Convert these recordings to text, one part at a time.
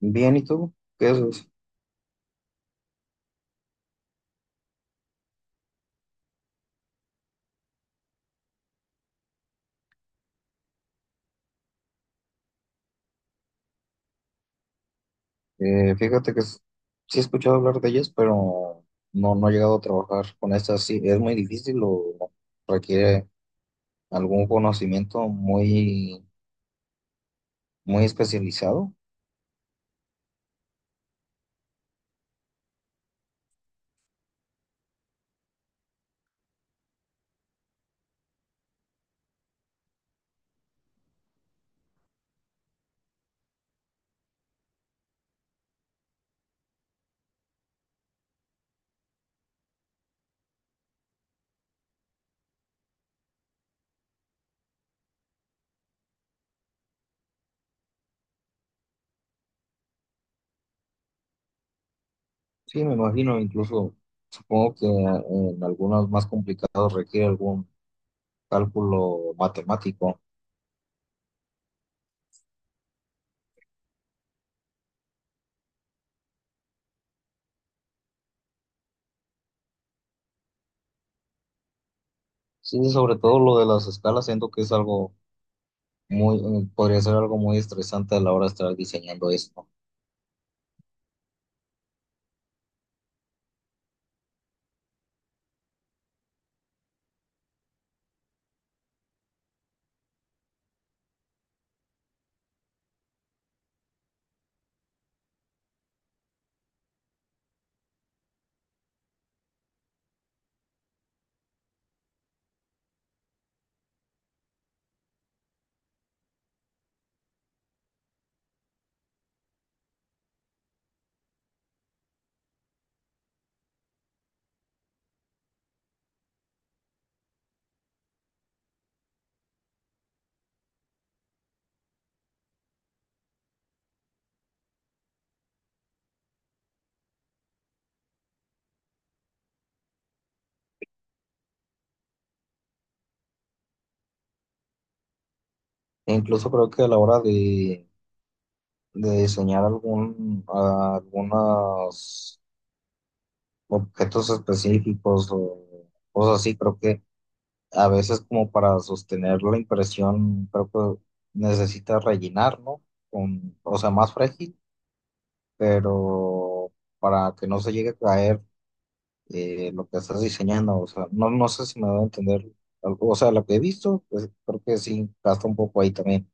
Bien, ¿y tú? ¿Qué haces? Fíjate que sí he escuchado hablar de ellas, pero no, no he llegado a trabajar con estas. Sí, es muy difícil o requiere algún conocimiento muy, muy especializado. Sí, me imagino, incluso supongo que en algunos más complicados requiere algún cálculo matemático. Sí, sobre todo lo de las escalas, siento que es algo muy, podría ser algo muy estresante a la hora de estar diseñando esto. E incluso creo que a la hora de diseñar algunos objetos específicos o cosas así. Creo que a veces, como para sostener la impresión, creo que necesita rellenar, ¿no? Con, o sea, más frágil, pero para que no se llegue a caer lo que estás diseñando. O sea, no, no sé si me voy a entender algo. O sea, lo que he visto, pues creo que sí, gasta un poco ahí también.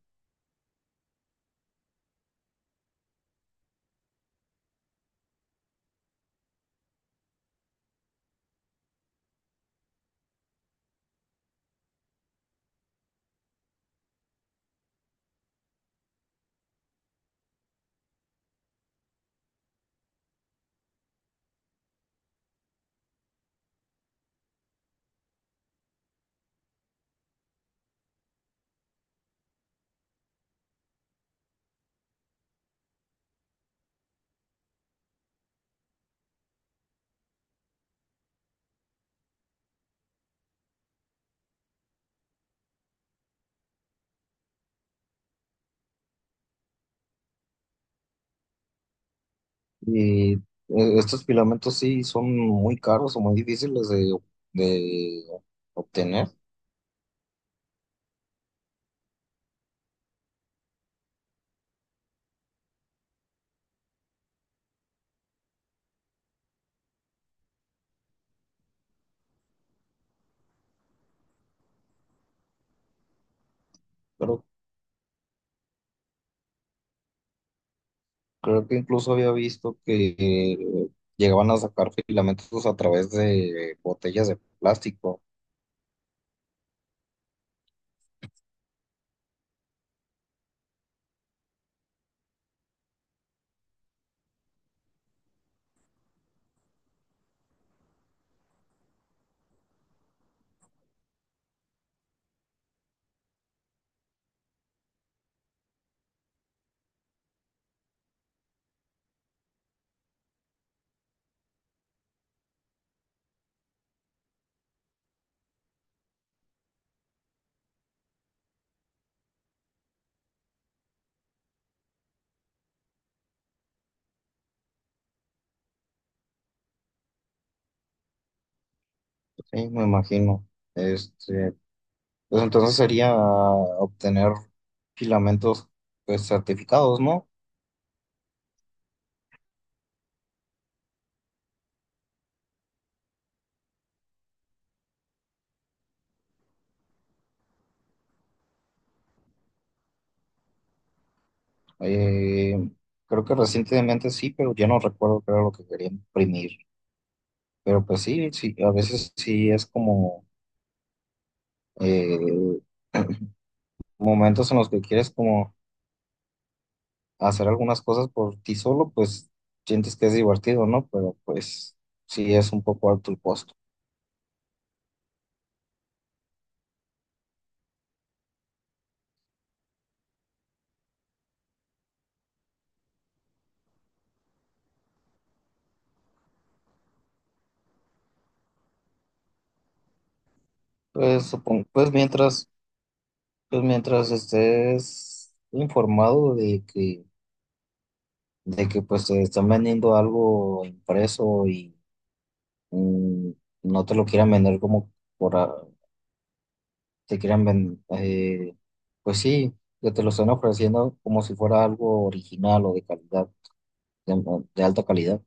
Y estos filamentos sí son muy caros o muy difíciles de obtener, pero creo que incluso había visto que llegaban a sacar filamentos a través de botellas de plástico. Sí, me imagino. Este, pues entonces sería obtener filamentos pues certificados, ¿no? Eh, Creo que recientemente sí, pero ya no recuerdo qué era lo que quería imprimir. Pero pues sí, sí, a veces sí es como eh, momentos en los que quieres como hacer algunas cosas por ti solo, pues sientes que es divertido, ¿no? Pero pues sí es un poco alto el costo. Pues mientras, pues mientras estés informado de que pues te están vendiendo algo impreso y mm, no te lo quieran vender como por, a- te quieran vender, pues sí, que te lo están ofreciendo como si fuera algo original o de calidad, de alta calidad,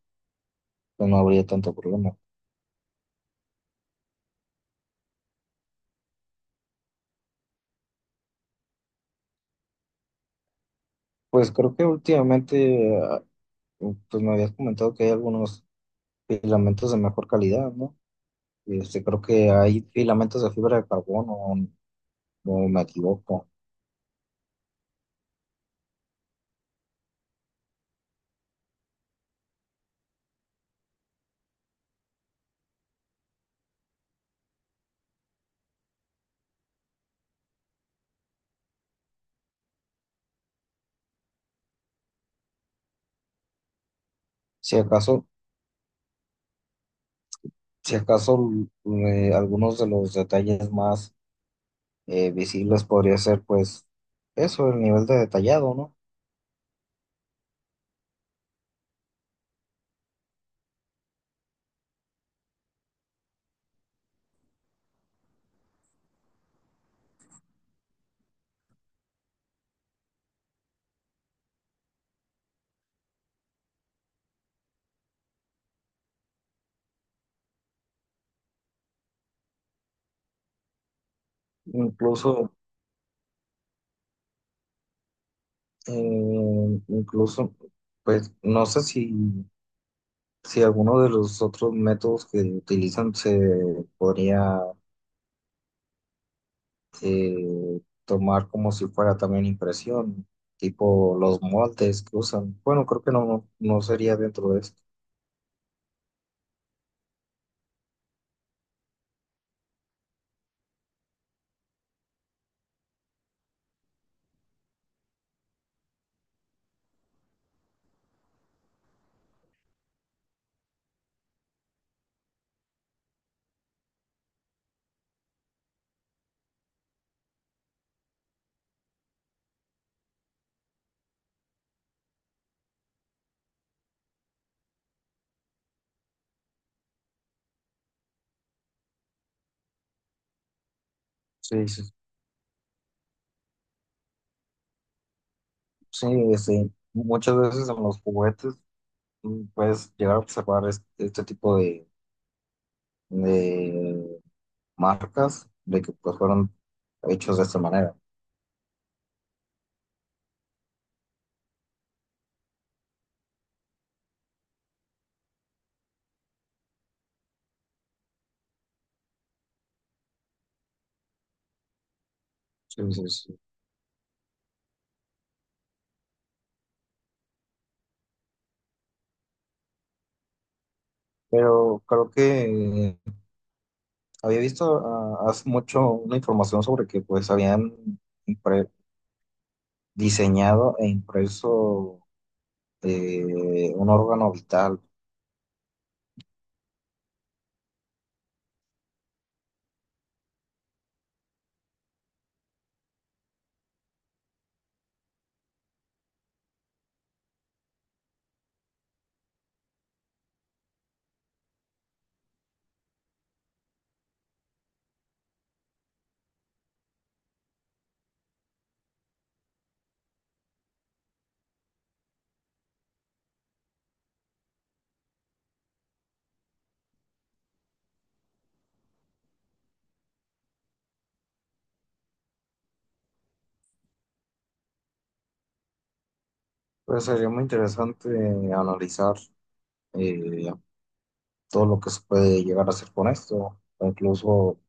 pues no habría tanto problema. Pues creo que últimamente, ah, pues me habías comentado que hay algunos filamentos de mejor calidad, ¿no? Este, creo que hay filamentos de fibra de carbono, o no me equivoco. Si acaso, si acaso algunos de los detalles más visibles podría ser, pues, eso, el nivel de detallado, ¿no? Incluso, eh, incluso, pues, no sé si. Si alguno de los otros métodos que utilizan se podría eh, tomar como si fuera también impresión, tipo los moldes que usan. Bueno, creo que no, no sería dentro de esto. Sí, sí. Sí, este, muchas veces en los juguetes puedes llegar a observar este tipo de marcas de que pues fueron hechos de esta manera. Sí, sí, sí. Pero creo que había visto, ah, hace mucho una información sobre que pues habían impre- diseñado e impreso un órgano vital. Pues sería muy interesante analizar eh, todo lo que se puede llegar a hacer con esto, o incluso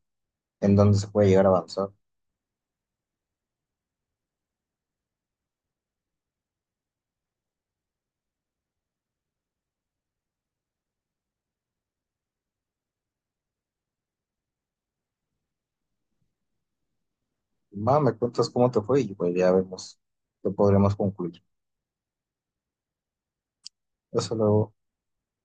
en dónde se puede llegar a avanzar. Va, me cuentas cómo te fue y pues ya vemos qué podremos concluir. Hasta luego.